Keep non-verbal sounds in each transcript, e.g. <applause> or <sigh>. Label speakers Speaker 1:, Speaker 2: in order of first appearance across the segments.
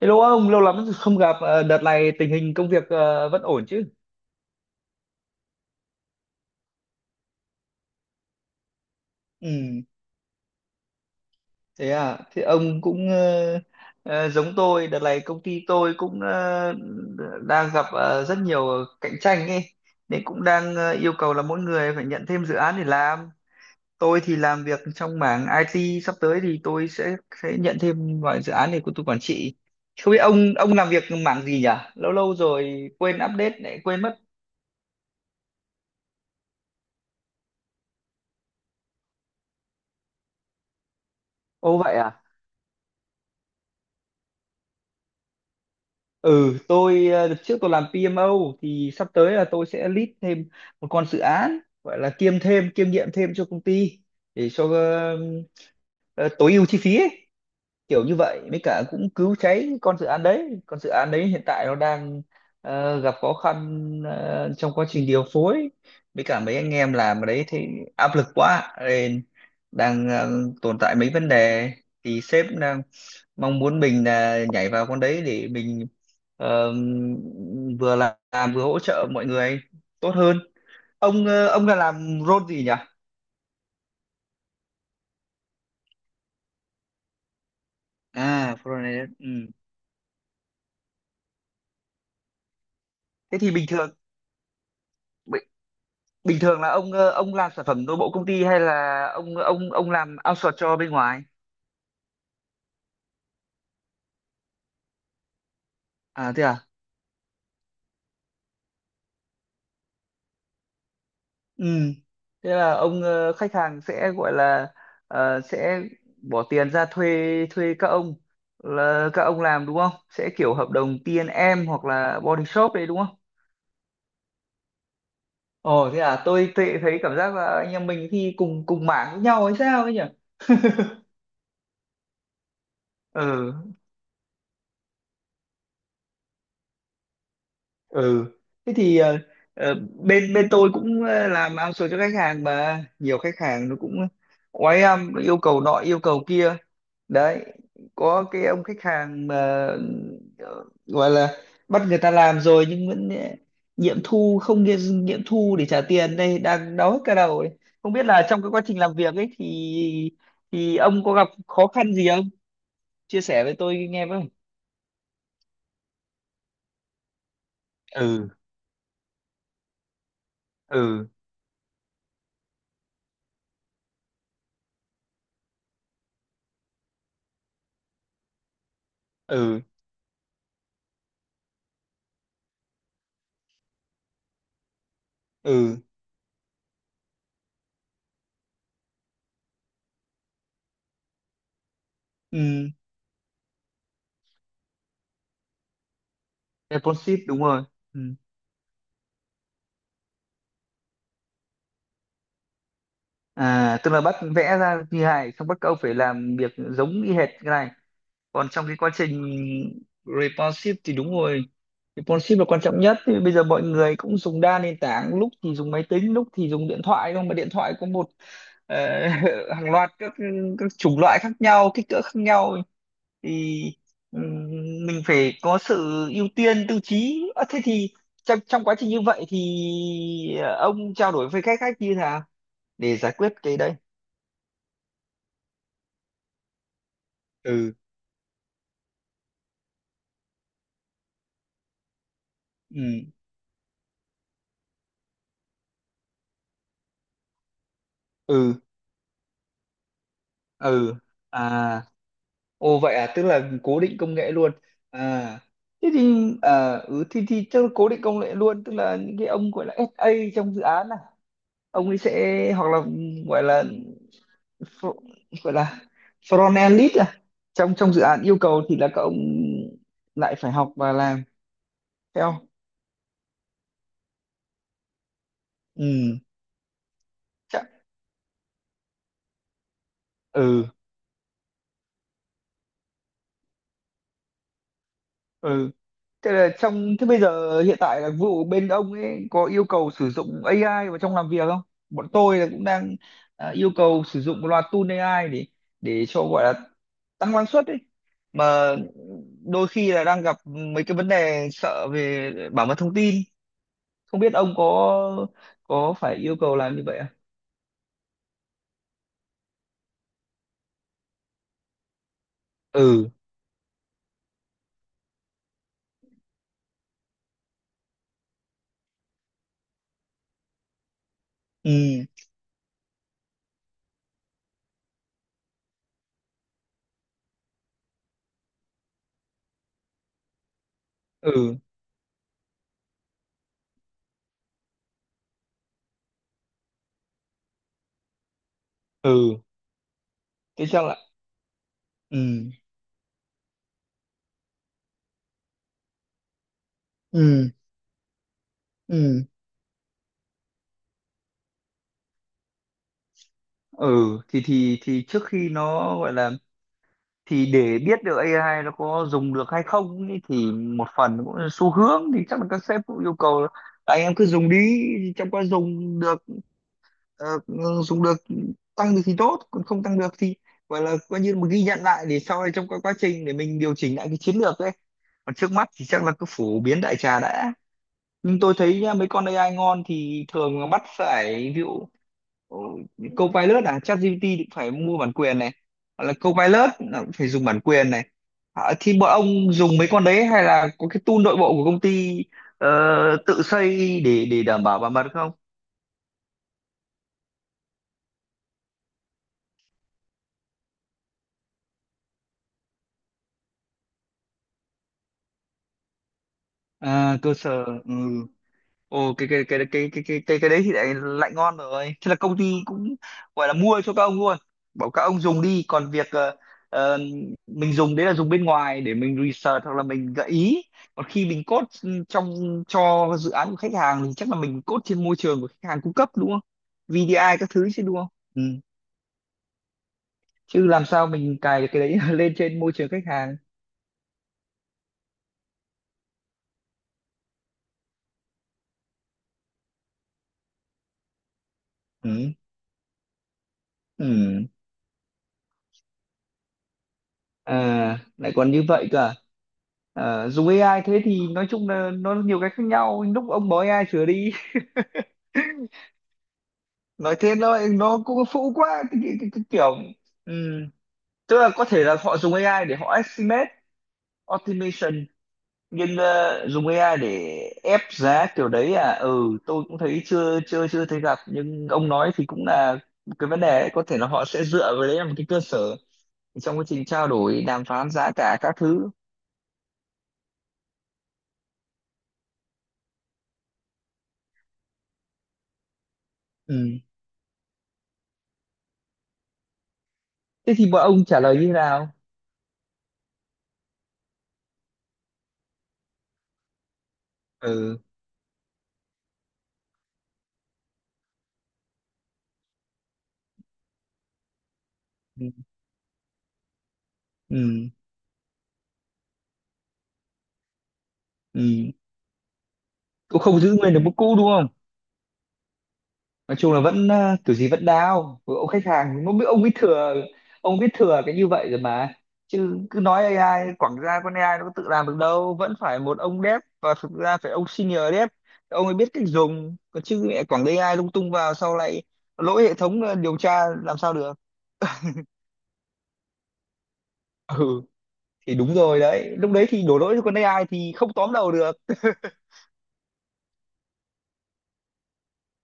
Speaker 1: Hello ông, lâu lắm rồi không gặp. Ờ, Đợt này tình hình công việc vẫn ổn chứ? Ừ, thế à. Thế ông cũng giống tôi. Đợt này công ty tôi cũng đang gặp rất nhiều cạnh tranh ấy. Nên cũng đang yêu cầu là mỗi người phải nhận thêm dự án để làm. Tôi thì làm việc trong mảng IT. Sắp tới thì tôi sẽ nhận thêm vài dự án để của tôi quản trị. Không biết ông làm việc mảng gì nhỉ? Lâu lâu rồi quên update lại quên mất. Ô vậy à? Ừ, tôi đợt trước tôi làm PMO, thì sắp tới là tôi sẽ lead thêm một con dự án, gọi là kiêm thêm, kiêm nhiệm thêm cho công ty để cho tối ưu chi phí ấy, kiểu như vậy mới cả cũng cứu cháy con dự án đấy hiện tại nó đang gặp khó khăn trong quá trình điều phối với cả mấy anh em làm ở đấy, thì áp lực quá nên đang tồn tại mấy vấn đề, thì sếp đang mong muốn mình là nhảy vào con đấy để mình ờ, vừa làm vừa hỗ trợ mọi người tốt hơn. Ông ông là làm role gì nhỉ? À role này, ừ. Thế thì bình thường, bình thường là ông ông làm sản phẩm nội bộ công ty hay là ông làm outsource cho bên ngoài? À thế à. Ừ, thế là ông khách hàng sẽ gọi là sẽ bỏ tiền ra thuê, thuê các ông là các ông làm đúng không, sẽ kiểu hợp đồng T&M hoặc là body shop đấy đúng không? Ồ thế à, tôi tự thấy cảm giác là anh em mình thì cùng cùng mảng với nhau hay sao ấy nhỉ. Ừ. Ừ, thế thì ờ, bên bên tôi cũng làm outsource cho khách hàng, mà nhiều khách hàng nó cũng oái âm, nó yêu cầu nọ yêu cầu kia đấy. Có cái ông khách hàng mà ờ, gọi là bắt người ta làm rồi nhưng vẫn nghiệm thu không nghiệm thu để trả tiền, đây đang đau hết cả đầu ấy. Không biết là trong cái quá trình làm việc ấy thì ông có gặp khó khăn gì không, chia sẻ với tôi nghe với. Ừ. Ừ. Ừ. Ừ. Ừ. Responsive đúng rồi, ừ. À tức là bắt vẽ ra như này, xong bắt các ông phải làm việc giống y hệt cái này. Còn trong cái quá trình responsive thì đúng rồi, responsive là quan trọng nhất, thì bây giờ mọi người cũng dùng đa nền tảng, lúc thì dùng máy tính lúc thì dùng điện thoại, không mà điện thoại có một ờ, <laughs> hàng loạt các chủng loại khác nhau, kích cỡ khác nhau, thì ừm, mình phải có sự ưu tiên tiêu chí. Ờ, thế thì trong quá trình như vậy thì ờ, ông trao đổi với khách khách như thế nào để giải quyết cái đấy? Ừ. Ừ. Ừ. Ừ. À. Ồ vậy à, tức là cố định công nghệ luôn. À, thế thì thì chắc là cố định công nghệ luôn, tức là những cái ông gọi là SA trong dự án này, ông ấy sẽ hoặc là gọi là fr- gọi là front end lead à. Trong trong dự án yêu cầu thì là các ông lại phải học và làm theo. Ừ, chắc ừ ừ. Thế là trong thế bây giờ hiện tại là vụ bên ông ấy có yêu cầu sử dụng AI vào trong làm việc không? Bọn tôi là cũng đang yêu cầu sử dụng một loạt tool AI để cho gọi là tăng năng suất ấy. Mà đôi khi là đang gặp mấy cái vấn đề sợ về bảo mật thông tin. Không biết ông có phải yêu cầu làm như vậy không? Ừ. Ừ. Ừ. Ừ. Thế sao lại? Ừ. Ừ. Ừ. Ừ, thì trước khi nó gọi là, thì để biết được AI nó có dùng được hay không ý, thì một phần cũng là xu hướng, thì chắc là các sếp cũng yêu cầu là anh em cứ dùng đi, trong quá dùng được ờ, dùng được, tăng được thì tốt, còn không tăng được thì gọi là coi như một ghi nhận lại, để sau này trong các quá trình để mình điều chỉnh lại cái chiến lược đấy, còn trước mắt thì chắc là cứ phổ biến đại trà đã. Nhưng tôi thấy nhá, mấy con AI ngon thì thường là bắt phải, ví dụ Ồ, những Copilot à, ChatGPT cũng phải mua bản quyền này, hoặc là Copilot là cũng phải dùng bản quyền này. À, thì bọn ông dùng mấy con đấy hay là có cái tool nội bộ của công ty ờ, tự xây để đảm bảo bảo mật không? À, cơ sở, ừ. Ồ cái đấy thì lại lại ngon rồi. Thế là công ty cũng gọi là mua cho các ông luôn. Bảo các ông dùng đi, còn việc ờ, mình dùng đấy là dùng bên ngoài để mình research hoặc là mình gợi ý. Còn khi mình code trong cho dự án của khách hàng thì chắc là mình code trên môi trường của khách hàng cung cấp đúng không? VDI các thứ chứ đúng không? Ừ. Chứ làm sao mình cài được cái đấy <laughs> lên trên môi trường khách hàng. Ừ. Ừ. À, lại còn như vậy cơ. À? Ờ, dùng AI thế thì nói chung là nó nhiều cái khác nhau, lúc ông bỏ AI sửa đi. <laughs> Nói thế nó cũng phũ quá, cái, cái kiểu ừm, tức là có thể là họ dùng AI để họ estimate automation, nhưng dùng AI để ép giá kiểu đấy à, ừ tôi cũng thấy chưa chưa chưa thấy gặp, nhưng ông nói thì cũng là cái vấn đề ấy. Có thể là họ sẽ dựa vào đấy làm cái cơ sở trong quá trình trao đổi đàm phán giá cả các thứ. Ừ. Thế thì bọn ông trả lời như thế nào? Ừ. Ừ. Ừ. Cũng không giữ nguyên được mức cũ đúng không. Nói chung là vẫn kiểu gì vẫn đao. Với ông khách hàng nó biết, ông biết thừa cái như vậy rồi mà, chứ cứ nói AI quảng ra, con AI nó có tự làm được đâu, vẫn phải một ông dev, và thực ra phải ông senior dev, ông ấy biết cách dùng còn chứ mẹ quảng AI lung tung vào sau lại lỗi hệ thống, điều tra làm sao được. Ừ thì đúng rồi đấy, lúc đấy thì đổ lỗi cho con AI thì không tóm đầu được.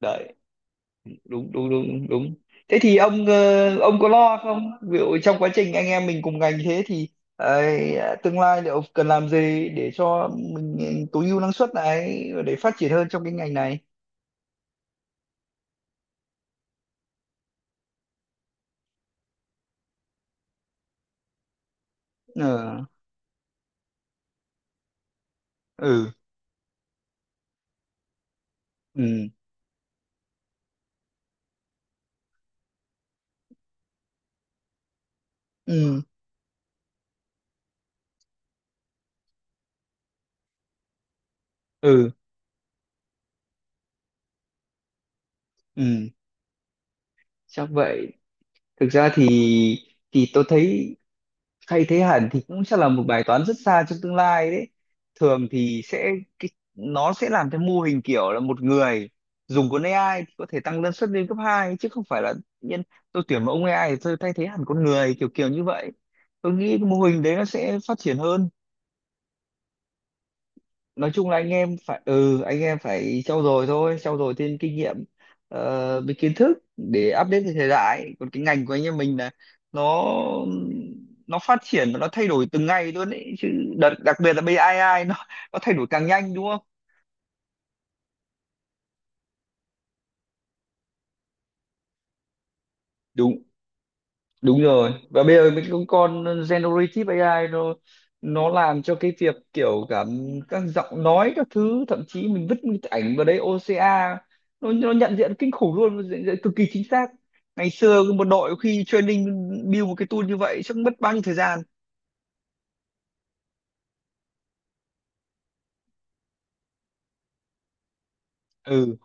Speaker 1: Đấy. Đúng đúng đúng đúng. Thế thì ông ông có lo không, ví dụ trong quá trình anh em mình cùng ngành, thế thì ờ, tương lai liệu cần làm gì để cho mình, ừ, tối ưu năng suất này để phát triển hơn trong cái ngành này. Ừ. Ừ. Ừ. Ừ. Ừ, ừ. Chắc vậy. Thực ra thì tôi thấy thay thế hẳn thì cũng sẽ là một bài toán rất xa trong tương lai đấy, thường thì sẽ cái, nó sẽ làm theo mô hình kiểu là một người dùng con AI thì có thể tăng năng suất lên cấp hai, chứ không phải là tự nhiên tôi tuyển một ông AI thì tôi thay thế hẳn con người kiểu kiểu như vậy. Tôi nghĩ cái mô hình đấy nó sẽ phát triển hơn. Nói chung là anh em phải ừ, anh em phải trau dồi thôi, trau dồi thêm kinh nghiệm với kiến thức để update với thời đại, còn cái ngành của anh em mình là nó phát triển và nó thay đổi từng ngày luôn ấy chứ. Đặc biệt là BI, nó thay đổi càng nhanh đúng không. Đúng, đúng rồi. Và bây giờ mình cũng còn generative AI, nó làm cho cái việc kiểu cả các giọng nói các thứ, thậm chí mình vứt một cái ảnh vào đấy, OCA nó nhận diện kinh khủng luôn, nó nhận diện cực kỳ chính xác. Ngày xưa một đội khi training build một cái tool như vậy chắc mất bao nhiêu thời gian. Ừ,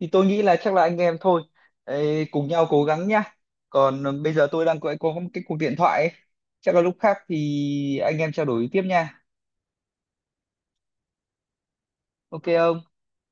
Speaker 1: thì tôi nghĩ là chắc là anh em thôi. Ê, cùng nhau cố gắng nhá, còn bây giờ tôi đang có một cái cuộc điện thoại ấy. Chắc là lúc khác thì anh em trao đổi tiếp nha. Ok không.